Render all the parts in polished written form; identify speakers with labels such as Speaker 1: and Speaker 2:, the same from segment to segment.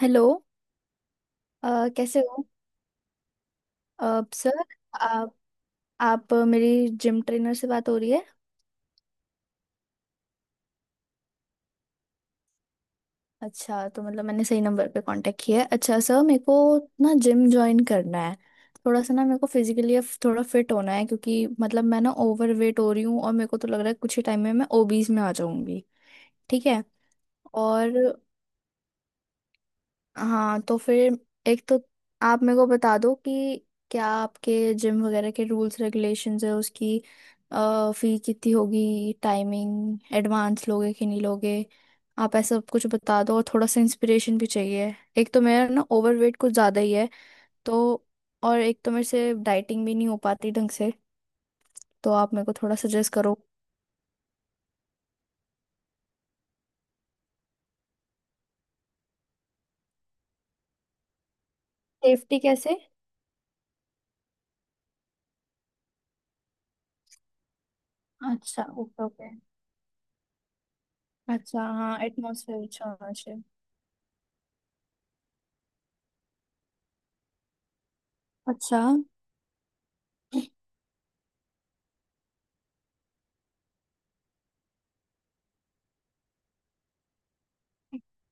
Speaker 1: Hello. कैसे हो? Sir, आप आप मेरी जिम ट्रेनर से बात हो रही है? अच्छा, तो मतलब मैंने सही नंबर पे कांटेक्ट किया है। अच्छा सर, मेरे को ना जिम ज्वाइन करना है। थोड़ा सा ना मेरे को फिजिकली थोड़ा फिट होना है, क्योंकि मतलब मैं ना ओवर वेट हो रही हूँ और मेरे को तो लग रहा है कुछ ही टाइम में मैं ओबीज में आ जाऊंगी। ठीक है? और हाँ, तो फिर एक तो आप मेरे को बता दो कि क्या आपके जिम वगैरह के रूल्स रेगुलेशंस है, उसकी फी कितनी होगी, टाइमिंग, एडवांस लोगे कि नहीं लोगे, आप ऐसा सब कुछ बता दो। और थोड़ा सा इंस्पिरेशन भी चाहिए। एक तो मेरा ना ओवरवेट कुछ ज़्यादा ही है, तो और एक तो मेरे से डाइटिंग भी नहीं हो पाती ढंग से, तो आप मेरे को थोड़ा सजेस्ट करो। सेफ्टी कैसे? अच्छा, ओके ओके। अच्छा हाँ, एटमोसफेयर अच्छा होना चाहिए। अच्छा।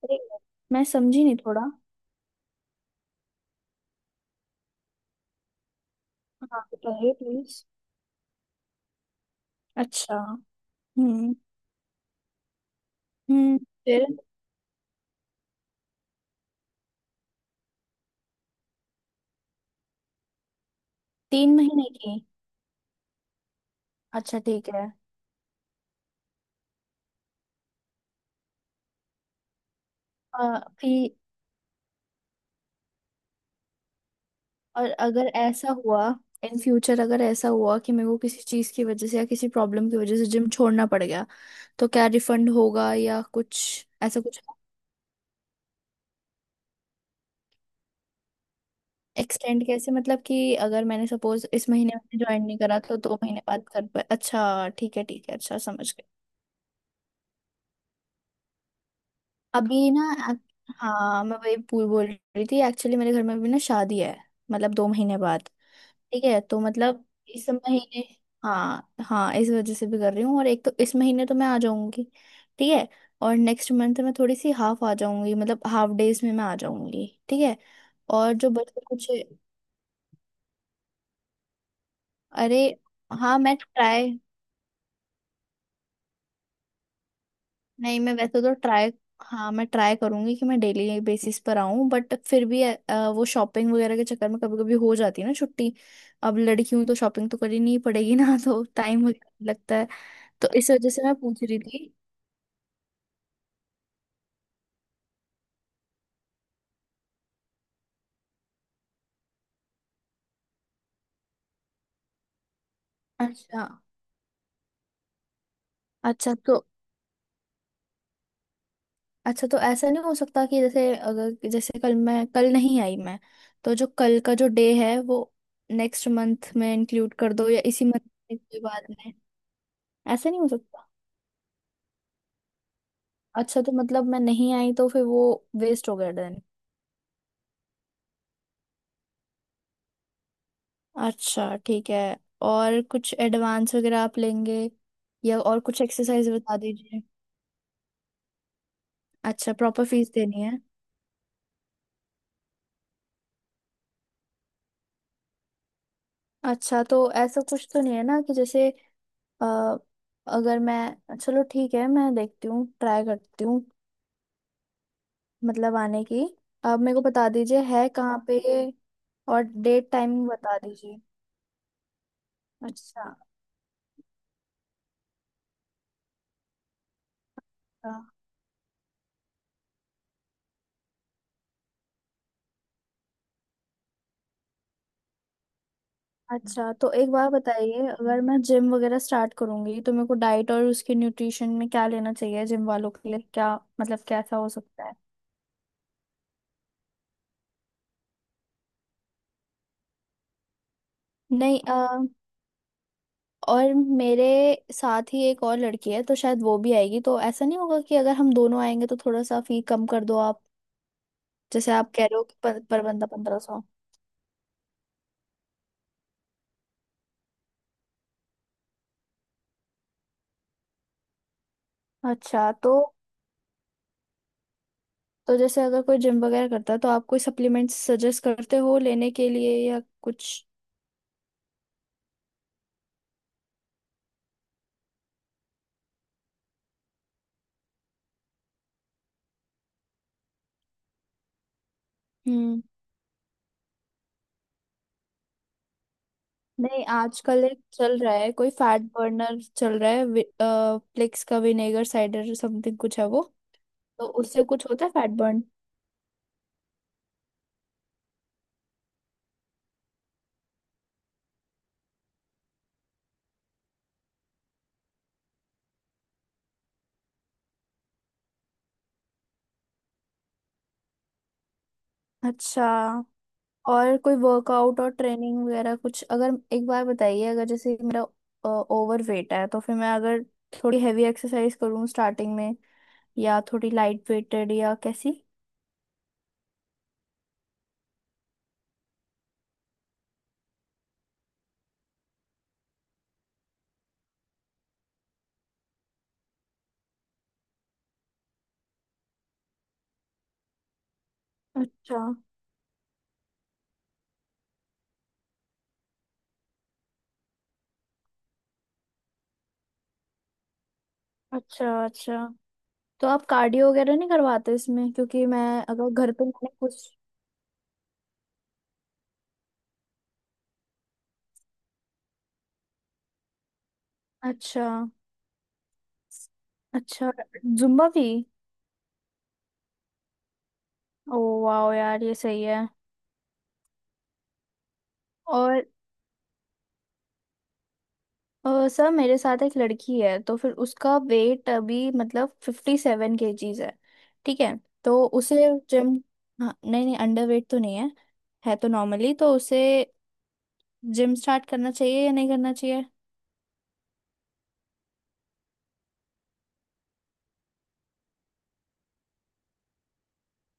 Speaker 1: अरे, मैं समझी नहीं थोड़ा। हाँ, तो है प्लीज। अच्छा। हम्म। हम्म, फिर? 3 महीने की? अच्छा ठीक है। फिर? और अगर ऐसा हुआ, इन फ्यूचर अगर ऐसा हुआ कि मेरे को किसी चीज की वजह से या किसी प्रॉब्लम की वजह से जिम छोड़ना पड़ गया, तो क्या रिफंड होगा या कुछ ऐसा कुछ? एक्सटेंड कैसे? मतलब कि अगर मैंने सपोज इस महीने में ज्वाइन नहीं करा, तो 2 महीने बाद कर पाए? अच्छा, ठीक है ठीक है। अच्छा, समझ। अभी ना, हाँ मैं वही पूल बोल रही थी, एक्चुअली मेरे घर में अभी ना शादी है, मतलब 2 महीने बाद। ठीक है, तो मतलब इस महीने, हाँ हाँ इस वजह से भी कर रही हूँ और एक तो इस महीने तो मैं आ जाऊंगी। ठीक है, और नेक्स्ट मंथ मैं थोड़ी सी हाफ आ जाऊंगी, मतलब हाफ डेज में मैं आ जाऊंगी। ठीक है। और जो बचे कुछ, अरे, हाँ मैं ट्राई, नहीं मैं वैसे तो ट्राई, हाँ मैं ट्राई करूंगी कि मैं डेली बेसिस पर आऊं, बट फिर भी वो शॉपिंग वगैरह के चक्कर में कभी कभी हो जाती है ना छुट्टी। अब लड़की हूं तो शॉपिंग तो करनी ही पड़ेगी ना तो टाइम वगैरह लगता है, तो इस वजह से मैं पूछ रही थी। अच्छा। अच्छा तो अच्छा तो ऐसा नहीं हो सकता कि जैसे अगर जैसे कल मैं कल नहीं आई मैं, तो जो कल का जो डे है वो नेक्स्ट मंथ में इंक्लूड कर दो या इसी मंथ के बाद में? ऐसा नहीं हो। अच्छा तो मतलब मैं नहीं आई तो फिर वो वेस्ट हो गया देन? अच्छा ठीक है। और कुछ एडवांस वगैरह आप लेंगे, या और कुछ एक्सरसाइज बता दीजिए? अच्छा, प्रॉपर फीस देनी है। अच्छा तो ऐसा कुछ तो नहीं है ना कि जैसे अ, अगर मैं, चलो ठीक है मैं देखती हूँ, ट्राई करती हूँ, मतलब आने की। आप मेरे को बता दीजिए है कहाँ पे, और डेट टाइमिंग बता दीजिए। अच्छा। हाँ। अच्छा, तो एक बार बताइए, अगर मैं जिम वगैरह स्टार्ट करूंगी तो मेरे को डाइट और उसके न्यूट्रिशन में क्या लेना चाहिए, जिम वालों के लिए क्या, मतलब कैसा हो सकता है? नहीं, और मेरे साथ ही एक और लड़की है, तो शायद वो भी आएगी, तो ऐसा नहीं होगा कि अगर हम दोनों आएंगे तो थोड़ा सा फी कम कर दो आप? जैसे आप कह रहे हो कि पर बंदा 1500। अच्छा, तो जैसे अगर कोई जिम वगैरह करता है तो आप कोई सप्लीमेंट्स सजेस्ट करते हो लेने के लिए, या कुछ? हम्म। नहीं, आजकल एक चल रहा है, कोई फैट बर्नर चल रहा है, प्लेक्स का विनेगर साइडर समथिंग कुछ है वो, तो उससे कुछ होता है फैट बर्न? अच्छा। और कोई वर्कआउट और ट्रेनिंग वगैरह कुछ, अगर एक बार बताइए, अगर जैसे मेरा ओवर वेट है तो फिर मैं अगर थोड़ी हैवी एक्सरसाइज करूँ स्टार्टिंग में, या थोड़ी लाइट वेटेड, या कैसी? अच्छा, अच्छा। अच्छा तो आप कार्डियो वगैरह नहीं करवाते इसमें? क्योंकि मैं अगर घर पे मैंने कुछ। अच्छा। अच्छा, जुम्बा भी? ओ, वाह यार ये सही है। और सर, मेरे साथ एक लड़की है, तो फिर उसका वेट अभी मतलब 57 केजीज है, ठीक है? तो उसे जिम, हाँ नहीं नहीं, अंडर वेट तो नहीं है, है तो नॉर्मली, तो उसे जिम स्टार्ट करना चाहिए या नहीं करना चाहिए?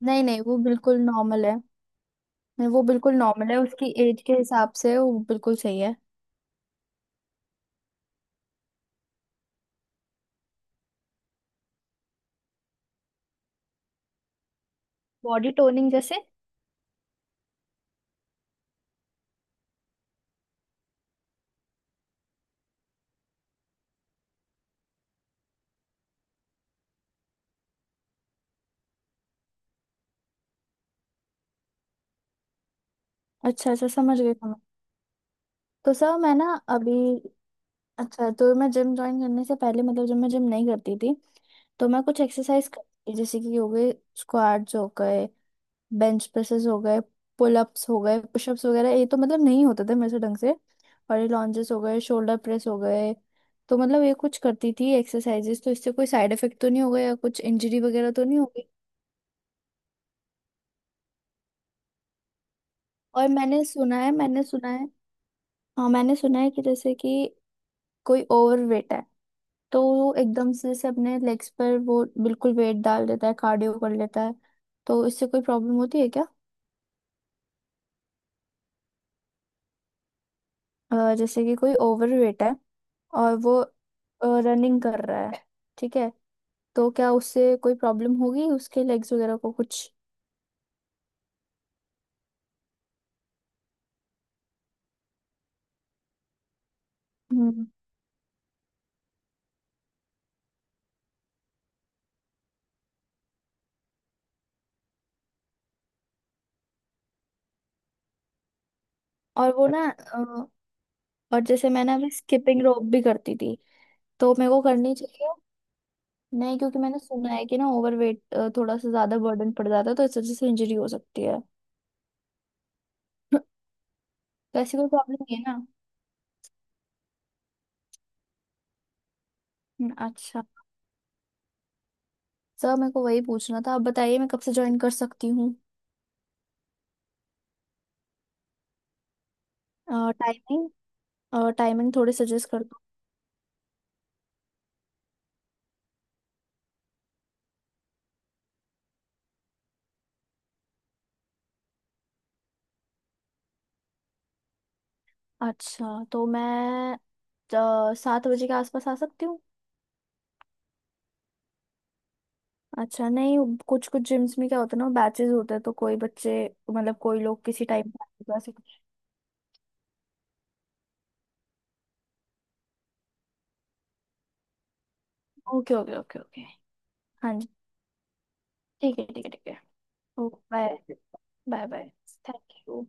Speaker 1: नहीं नहीं, वो बिल्कुल नॉर्मल है। नहीं, वो बिल्कुल नॉर्मल है, उसकी एज के हिसाब से वो बिल्कुल सही है। बॉडी टोनिंग जैसे? अच्छा अच्छा, समझ गई, समझ। तो सर, मैं ना अभी, अच्छा तो मैं जिम ज्वाइन करने से पहले, मतलब जब मैं जिम नहीं करती थी, तो मैं कुछ एक्सरसाइज करती थी, जैसे कि हो गए स्क्वाट्स हो गए, बेंच प्रेसेस हो गए, पुलअप्स हो गए, पुशअप्स वगैरह ये तो मतलब नहीं होते थे मेरे से ढंग से, और ये लॉन्जेस हो गए, शोल्डर प्रेस हो गए। तो मतलब ये कुछ करती थी एक्सरसाइजेस, तो इससे कोई साइड इफेक्ट तो नहीं हो गया, कुछ इंजरी वगैरह तो नहीं हो गई? और मैंने सुना है, हाँ मैंने सुना है कि जैसे कि कोई ओवरवेट है, तो वो एकदम से जैसे अपने लेग्स पर वो बिल्कुल वेट डाल देता है, कार्डियो कर लेता है, तो इससे कोई प्रॉब्लम होती है क्या? जैसे कि कोई ओवर वेट है और वो रनिंग कर रहा है, ठीक है? तो क्या उससे कोई प्रॉब्लम होगी उसके लेग्स वगैरह को कुछ? हम्म। और वो ना, और जैसे मैंने अभी स्किपिंग रोप भी करती थी, तो मेरे को करनी चाहिए? नहीं, क्योंकि मैंने सुना है कि ना ओवर वेट थोड़ा सा ज्यादा बर्डन पड़ जाता है, तो इस वजह से इंजरी हो सकती है। तो ऐसी कोई प्रॉब्लम नहीं है ना? अच्छा। सर, मेरे को वही पूछना था, आप बताइए मैं कब से ज्वाइन कर सकती हूँ? टाइमिंग, टाइमिंग थोड़ी सजेस्ट कर दो। अच्छा तो मैं 7 बजे के आसपास आ सकती हूँ। अच्छा, नहीं, कुछ कुछ जिम्स में क्या होता है ना, बैचेस होते हैं, तो कोई बच्चे, मतलब कोई लोग किसी टाइम पे ऐसे कुछ। Okay okay okay okay. हाँ जी, ठीक है ठीक है ठीक है। Okay bye. Bye bye. Thank you.